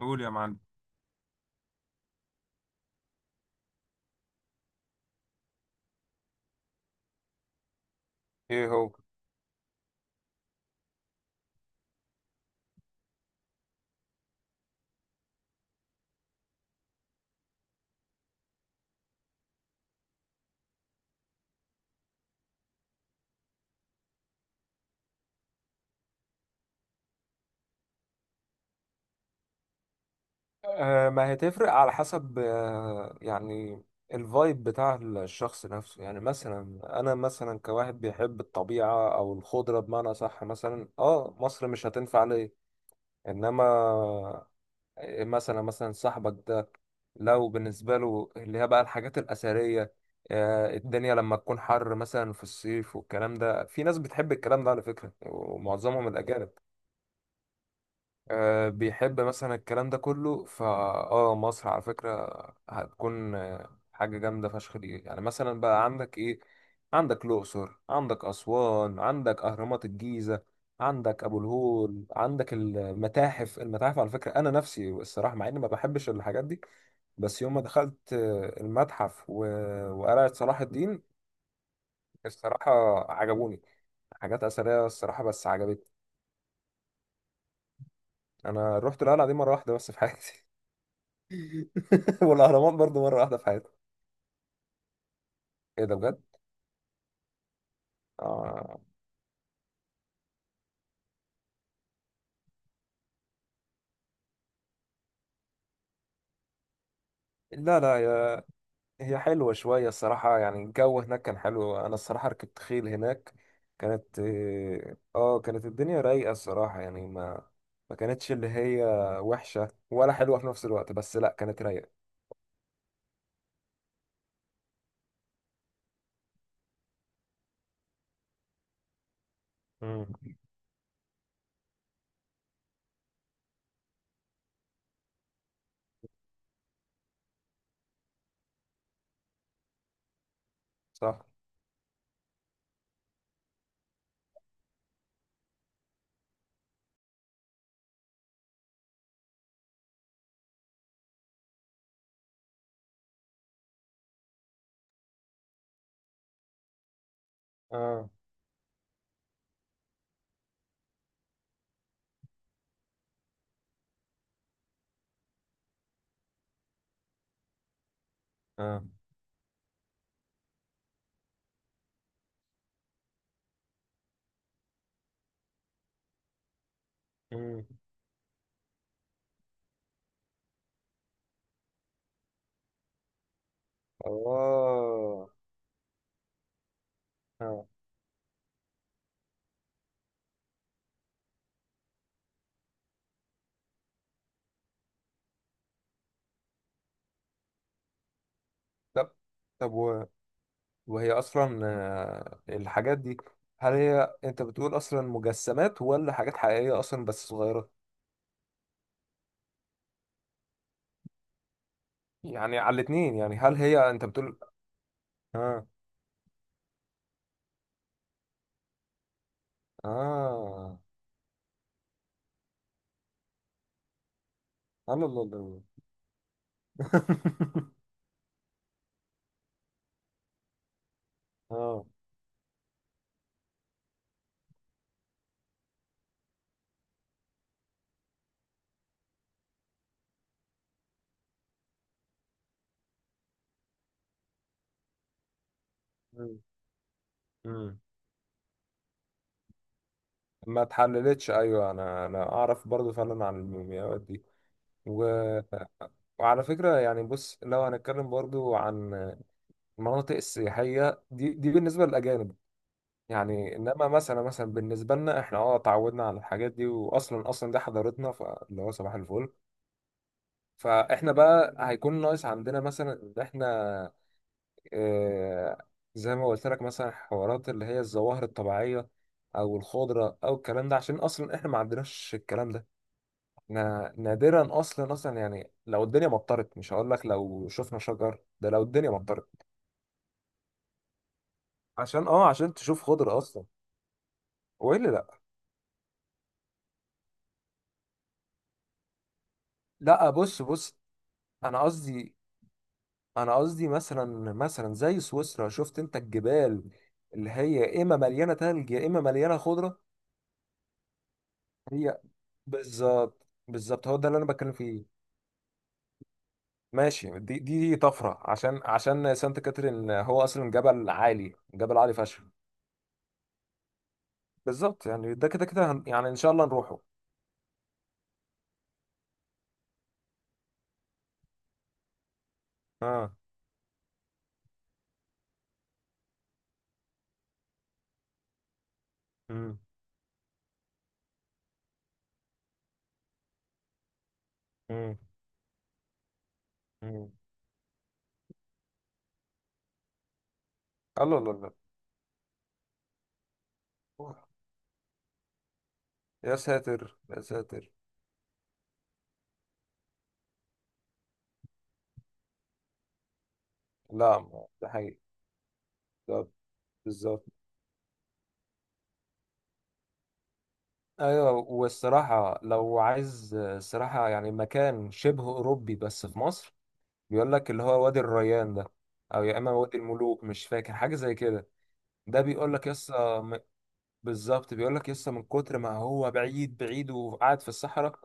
قول يا معلم. ايه هو؟ ما هتفرق على حسب، يعني الفايب بتاع الشخص نفسه. يعني مثلا انا مثلا كواحد بيحب الطبيعة او الخضرة، بمعنى صح، مثلا اه مصر مش هتنفع ليه. انما مثلا صاحبك ده لو بالنسبة له اللي هي بقى الحاجات الأثرية، الدنيا لما تكون حر مثلا في الصيف والكلام ده، في ناس بتحب الكلام ده على فكرة، ومعظمهم الأجانب، بيحب مثلا الكلام ده كله. فا اه مصر على فكرة هتكون حاجة جامدة فشخ. دي يعني مثلا بقى عندك ايه؟ عندك الأقصر، عندك أسوان، عندك أهرامات الجيزة، عندك أبو الهول، عندك المتاحف. المتاحف على فكرة أنا نفسي الصراحة، مع إني ما بحبش الحاجات دي، بس يوم ما دخلت المتحف وقلعة صلاح الدين، الصراحة عجبوني. حاجات أثرية الصراحة بس عجبتني. أنا رحت القلعة دي مرة واحدة بس في حياتي. والاهرامات برضو مره واحده في حياتي. ايه ده بجد؟ آه. لا لا يا، هي حلوه شويه الصراحه. يعني الجو هناك كان حلو. انا الصراحه ركبت خيل هناك. كانت، اه كانت الدنيا رايقه الصراحه. يعني ما كانتش اللي هي وحشه ولا حلوه في نفس الوقت، بس لا كانت رايقه. امم. صح. اه. اه. امم. اه. آه. طب، طب وهي اصلا الحاجات دي، هل هي انت بتقول اصلا مجسمات ولا حاجات حقيقية اصلا بس صغيرة؟ يعني على الاتنين؟ يعني هل هي انت بتقول؟ اه. اه. الله الله الله. اه. مم. مم. ما اتحللتش. ايوه انا اعرف برضو فعلا عن المومياوات دي. و... وعلى فكره يعني بص، لو هنتكلم برضو عن المناطق السياحيه دي، دي بالنسبه للاجانب. يعني انما مثلا بالنسبه لنا احنا اه اتعودنا على الحاجات دي، اصلا دي حضارتنا، فاللي هو صباح الفل. فاحنا بقى هيكون ناقص عندنا مثلا ان احنا اه زي ما قلت لك مثلا حوارات اللي هي الظواهر الطبيعيه، او الخضره او الكلام ده، عشان اصلا احنا ما عندناش الكلام ده. احنا نادرا اصلا، يعني لو الدنيا مطرت، مش هقول لك لو شفنا شجر، ده لو الدنيا مطرت عشان اه عشان تشوف خضره اصلا. وايه اللي لا؟ لا بص انا قصدي، مثلا زي سويسرا، شفت انت الجبال اللي هي اما مليانه تلج يا اما مليانه خضره. هي بالظبط، بالظبط هو ده اللي انا بتكلم فيه. ماشي، دي طفره، عشان سانت كاترين هو اصلا جبل عالي، جبل عالي فشخ. بالظبط. يعني ده كده كده هن- يعني ان شاء الله نروحه. اه. امم. امم. امم. الله الله الله. أوه. يا ساتر يا ساتر. لا ما- ده حقيقي. بالظبط. بالظبط. ايوه، والصراحه لو عايز الصراحه يعني مكان شبه اوروبي بس في مصر، بيقول لك اللي هو وادي الريان ده، او يا اما وادي الملوك، مش فاكر حاجه زي كده. ده بيقول لك يسا م-، بالظبط بيقول لك يسا من كتر ما هو بعيد، بعيد وقاعد في الصحراء،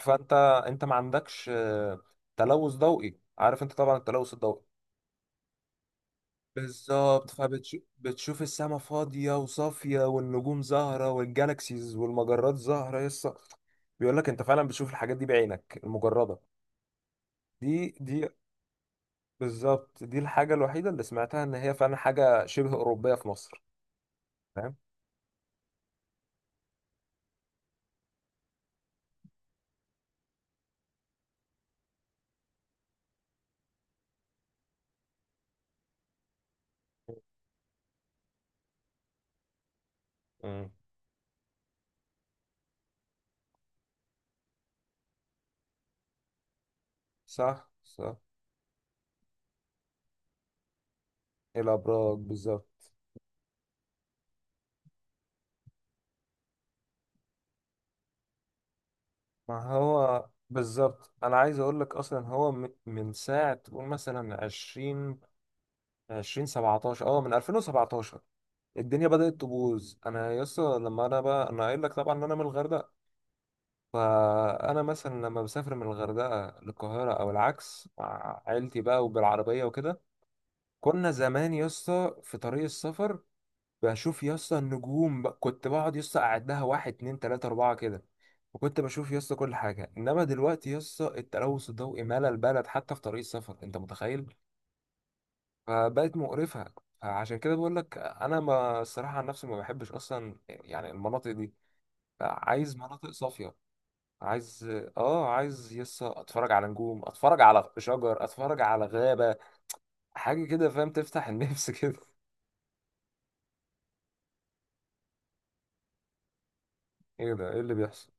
فانت ما عندكش تلوث ضوئي. عارف انت طبعا التلوث الضوئي. بالظبط، فبتشوف السما فاضية وصافية، والنجوم زاهرة، والجالاكسيز والمجرات زاهرة يسا. بيقول لك انت فعلا بتشوف الحاجات دي بعينك المجردة. دي بالظبط، دي الحاجة الوحيدة اللي سمعتها ان هي فعلا حاجة شبه أوروبية في مصر. فاهم. مم. صح صح. إيه الأبراج، بالظبط. ما هو بالظبط، أنا عايز أقول لك، أصلا هو م- من ساعة تقول مثلا 20، 2017، أه من 2017 الدنيا بدأت تبوظ. انا يسطا لما انا بقى، انا قايل لك طبعا ان انا من الغردقه، فانا مثلا لما بسافر من الغردقه للقاهره او العكس مع عيلتي بقى وبالعربيه وكده، كنا زمان يسطا في طريق السفر بشوف يسطا النجوم بقى. كنت بقعد يسطا اقعد لها، 1 2 3 4 كده، وكنت بشوف يسطا كل حاجه. انما دلوقتي يسطا التلوث الضوئي مال البلد حتى في طريق السفر، انت متخيل. فبقت مقرفه. فعشان كده بقول لك انا، ما الصراحه عن نفسي ما بحبش اصلا يعني المناطق دي. عايز مناطق صافية. عايز اه، عايز يسا اتفرج على نجوم، اتفرج على شجر، اتفرج على غابة، حاجة كده فاهم، تفتح النفس كده. ايه ده؟ ايه اللي بيحصل؟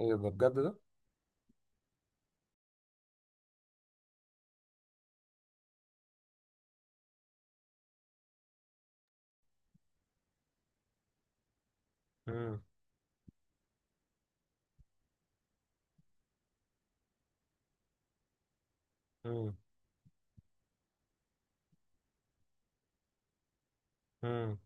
ايه ده بجد؟ ده مم. مم. مم.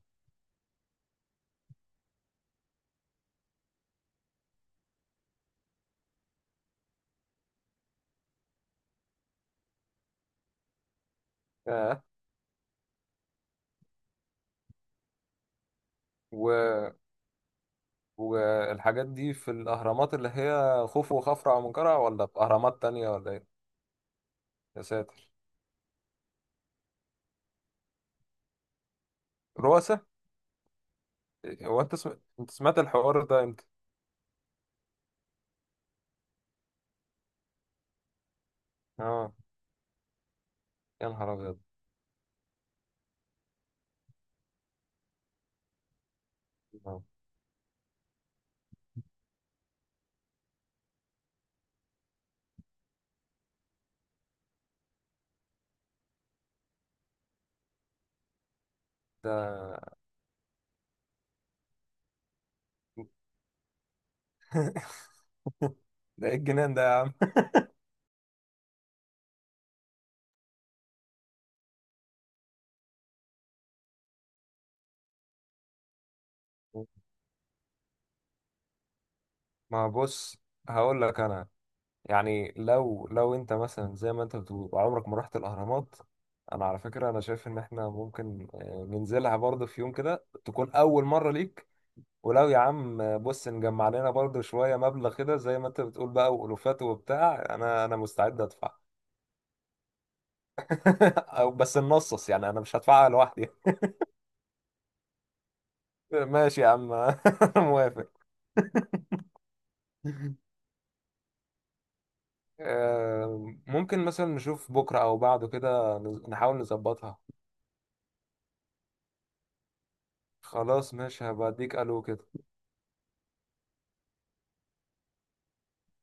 آه. و... والحاجات دي في الاهرامات اللي هي خوفو وخفرع ومنقرع، ولا في اهرامات تانية ولا ايه؟ يا ساتر. رؤساء؟ هو انت سم-، انت سمعت الحوار ده امتى؟ اه. يا نهار ابيض. آه. ده، ده ايه الجنان ده يا عم. ما بص، هقول لك انا، يعني لو انت مثلا زي ما انت بتقول عمرك ما رحت الاهرامات، انا على فكره انا شايف ان احنا ممكن ننزلها برضه في يوم كده، تكون اول مره ليك. ولو يا عم بص، نجمع لنا برضه شويه مبلغ كده، زي ما انت بتقول بقى والوفات وبتاع، انا مستعد ادفع. او بس ننصص، يعني انا مش هدفعها لوحدي. ماشي يا عم. أنا موافق. ممكن مثلا نشوف بكره او بعده كده، نز- نحاول نظبطها. خلاص ماشي، هبقى اديك الو كده.